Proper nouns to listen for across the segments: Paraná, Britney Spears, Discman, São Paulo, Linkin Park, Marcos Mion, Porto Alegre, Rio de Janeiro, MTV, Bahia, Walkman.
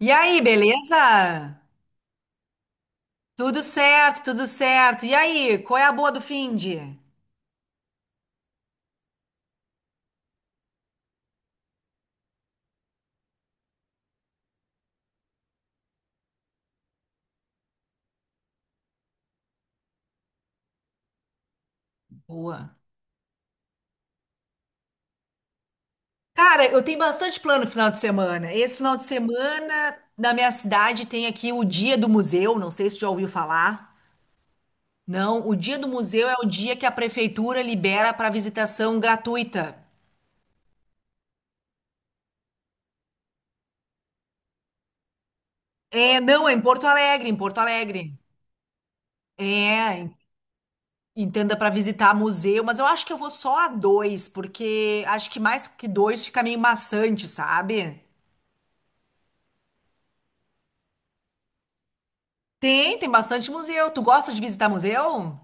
E aí, beleza? Tudo certo, tudo certo. E aí, qual é a boa do finde? Boa. Cara, eu tenho bastante plano pro final de semana. Esse final de semana, na minha cidade, tem aqui o Dia do Museu. Não sei se tu já ouviu falar. Não, o Dia do Museu é o dia que a prefeitura libera para visitação gratuita. É, não, é em Porto Alegre, em Porto Alegre. É, entenda para visitar museu, mas eu acho que eu vou só a dois, porque acho que mais que dois fica meio maçante, sabe? Tem, tem bastante museu. Tu gosta de visitar museu?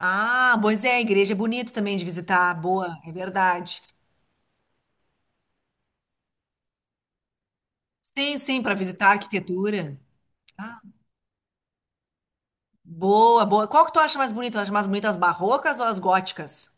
Ah, pois é, a igreja é bonito também de visitar. Boa, é verdade. Sim, sim, para visitar a arquitetura. Ah, boa, boa. Qual que tu acha mais bonito? Tu acha mais bonito as barrocas ou as góticas?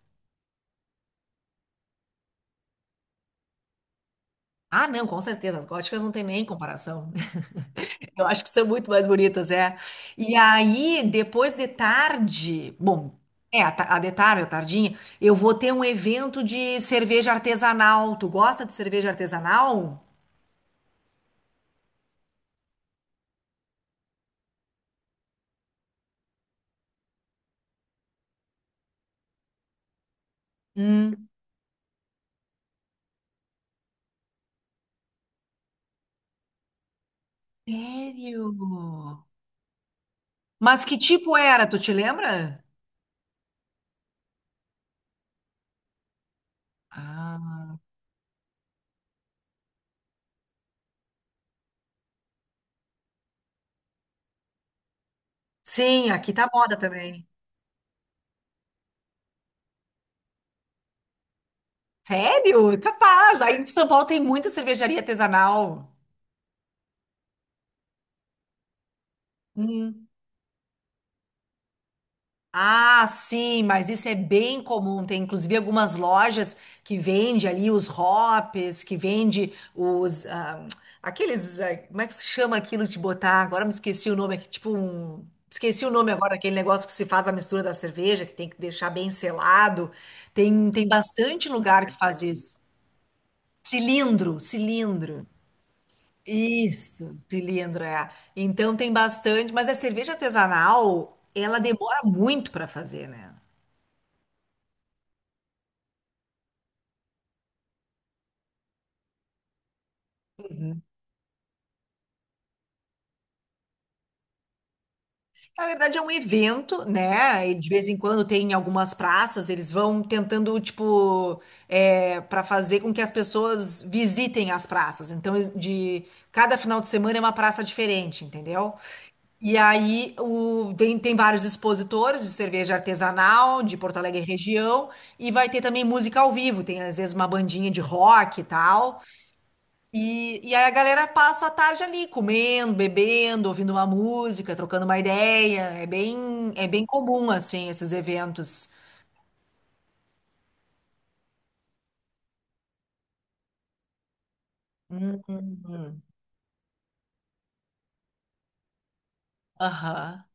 Ah, não, com certeza. As góticas não tem nem comparação. Eu acho que são muito mais bonitas, é. E aí, depois de tarde, bom, é, a, a de tarde, a tardinha, eu vou ter um evento de cerveja artesanal. Tu gosta de cerveja artesanal? Hum. Sério? Mas que tipo era? Tu te lembra? Ah. Sim, aqui tá moda também. Sério? Capaz. Aí em São Paulo tem muita cervejaria artesanal. Hum. Ah, sim, mas isso é bem comum. Tem inclusive algumas lojas que vende ali os hops, que vende os aqueles, como é que se chama aquilo de botar? Agora me esqueci o nome, é tipo um, esqueci o nome agora, aquele negócio que se faz a mistura da cerveja, que tem que deixar bem selado. Tem bastante lugar que faz isso. Cilindro, cilindro. Isso, cilindro, é. Então tem bastante, mas a cerveja artesanal, ela demora muito para fazer, né? Na verdade, é um evento, né? E de vez em quando tem em algumas praças, eles vão tentando, tipo, é, para fazer com que as pessoas visitem as praças. Então, de cada final de semana é uma praça diferente, entendeu? E aí o, tem, tem vários expositores de cerveja artesanal de Porto Alegre e região, e vai ter também música ao vivo, tem às vezes uma bandinha de rock e tal. E aí a galera passa a tarde ali, comendo, bebendo, ouvindo uma música, trocando uma ideia. É bem comum, assim, esses eventos. Hum. Aham.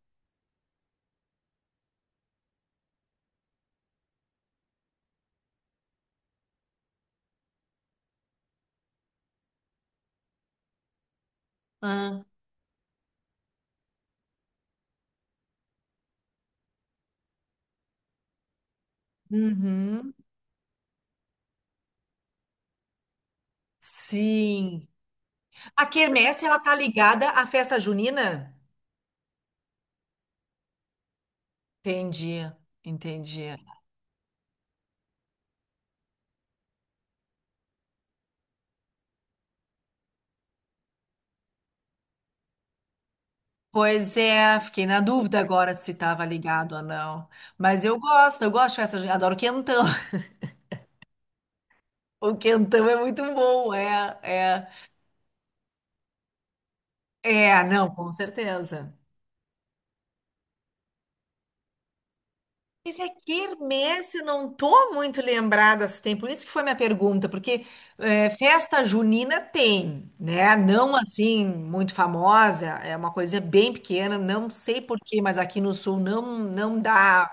Ah, uhum. Sim. A quermesse, ela tá ligada à festa junina? Entendi, entendi. Pois é, fiquei na dúvida agora se estava ligado ou não. Mas eu gosto de festa junina, adoro quentão. O quentão é muito bom, é, é. É, não, com certeza. Mas é quermesse, eu não tô muito lembrada se tem, por isso que foi minha pergunta, porque é, festa junina tem, né? Não assim muito famosa, é uma coisa bem pequena, não sei por quê, mas aqui no sul não dá,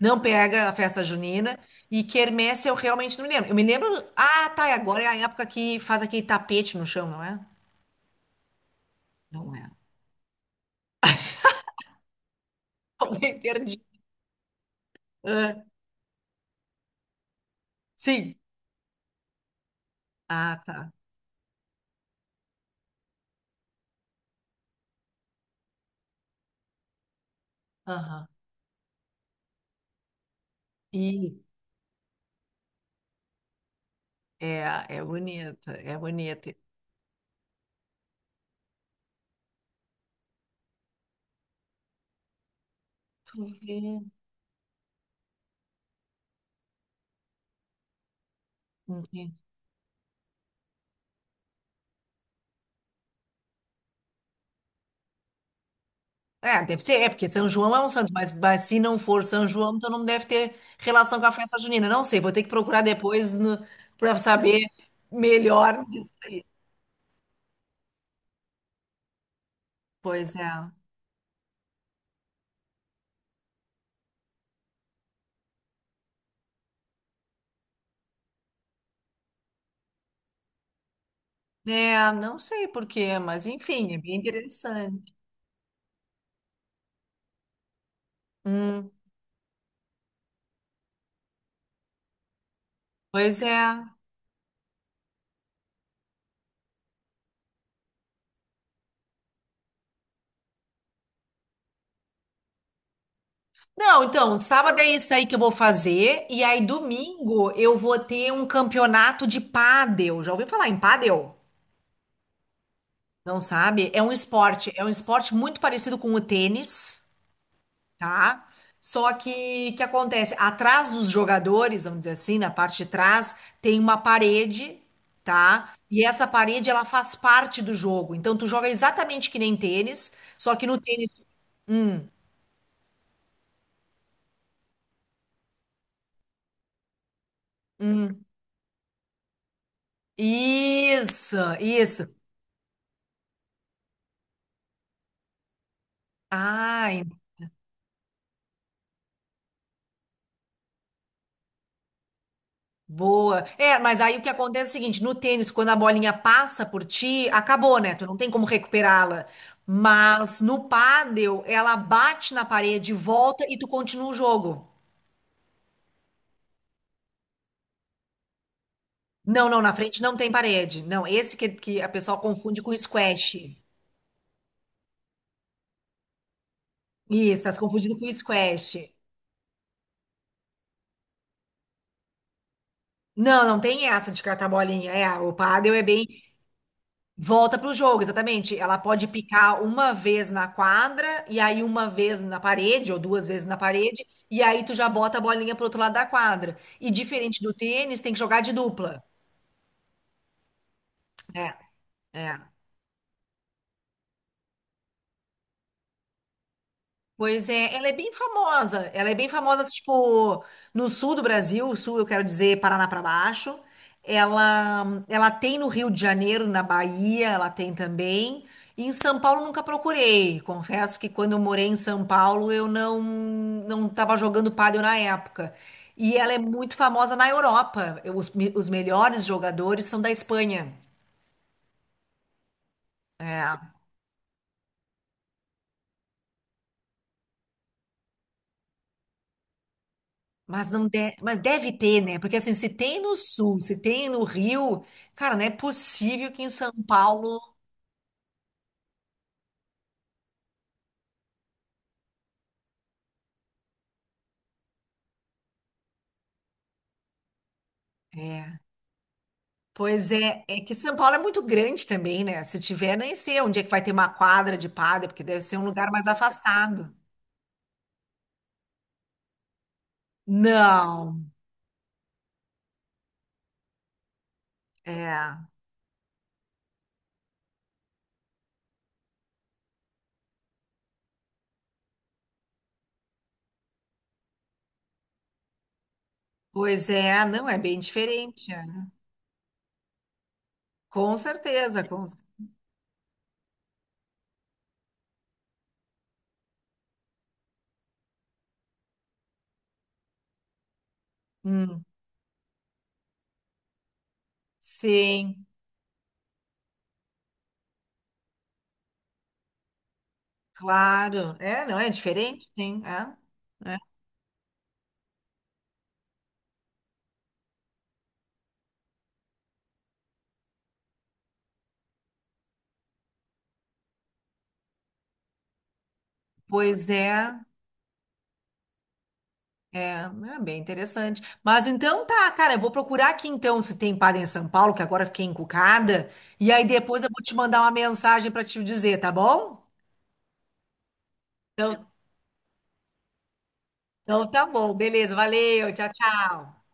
não pega a festa junina. E quermesse eu realmente não me lembro. Eu me lembro, ah, tá, e agora é a época que faz aquele tapete no chão, não é? Não é. Tô meio perdida. Ah, sim. Ah, tá. Aham. É, é bonita, é bonita. Tu vê, entendi. É, deve ser, é porque São João é um santo, mas se não for São João, então não deve ter relação com a festa junina. Não sei, vou ter que procurar depois para saber melhor disso aí. Pois é. É, não sei por quê, mas enfim, é bem interessante. Hum, pois é. Não, então, sábado é isso aí que eu vou fazer, e aí domingo eu vou ter um campeonato de pádel. Já ouviu falar em pádel? Não sabe? É um esporte muito parecido com o tênis, tá? Só que acontece? Atrás dos jogadores, vamos dizer assim, na parte de trás, tem uma parede, tá? E essa parede ela faz parte do jogo. Então tu joga exatamente que nem tênis, só que no tênis, hum, hum. Isso, isso. Ah, boa. É, mas aí o que acontece é o seguinte, no tênis, quando a bolinha passa por ti, acabou, né? Tu não tem como recuperá-la. Mas no pádel, ela bate na parede, volta e tu continua o jogo. Não, não, na frente não tem parede. Não, esse que a pessoa confunde com squash. Isso, tá se confundindo com squash. Não, não tem essa de catar bolinha. É, o pádel é bem. Volta para o jogo, exatamente. Ela pode picar uma vez na quadra, e aí uma vez na parede, ou duas vezes na parede, e aí tu já bota a bolinha pro outro lado da quadra. E diferente do tênis, tem que jogar de dupla. É, é. Pois é, ela é bem famosa. Ela é bem famosa, assim, tipo, no sul do Brasil, sul, eu quero dizer, Paraná para baixo. Ela tem no Rio de Janeiro, na Bahia, ela tem também. E em São Paulo nunca procurei. Confesso que quando eu morei em São Paulo, eu não estava jogando pádel na época. E ela é muito famosa na Europa. Os, os melhores jogadores são da Espanha. É. Mas não de... mas deve ter, né? Porque assim, se tem no sul, se tem no Rio, cara, não é possível que em São Paulo. É. Pois é, é que São Paulo é muito grande também, né? Se tiver, nem sei onde é que vai ter uma quadra de pádel, porque deve ser um lugar mais afastado. Não, é. Pois é, não, é bem diferente. É. Com certeza, com... Hum, sim, claro. É, não, é diferente, sim. É, é. Pois é. É, né, bem interessante. Mas então tá, cara, eu vou procurar aqui então se tem padre em São Paulo, que agora eu fiquei encucada, e aí depois eu vou te mandar uma mensagem para te dizer, tá bom? Então, então tá bom, beleza, valeu, tchau, tchau.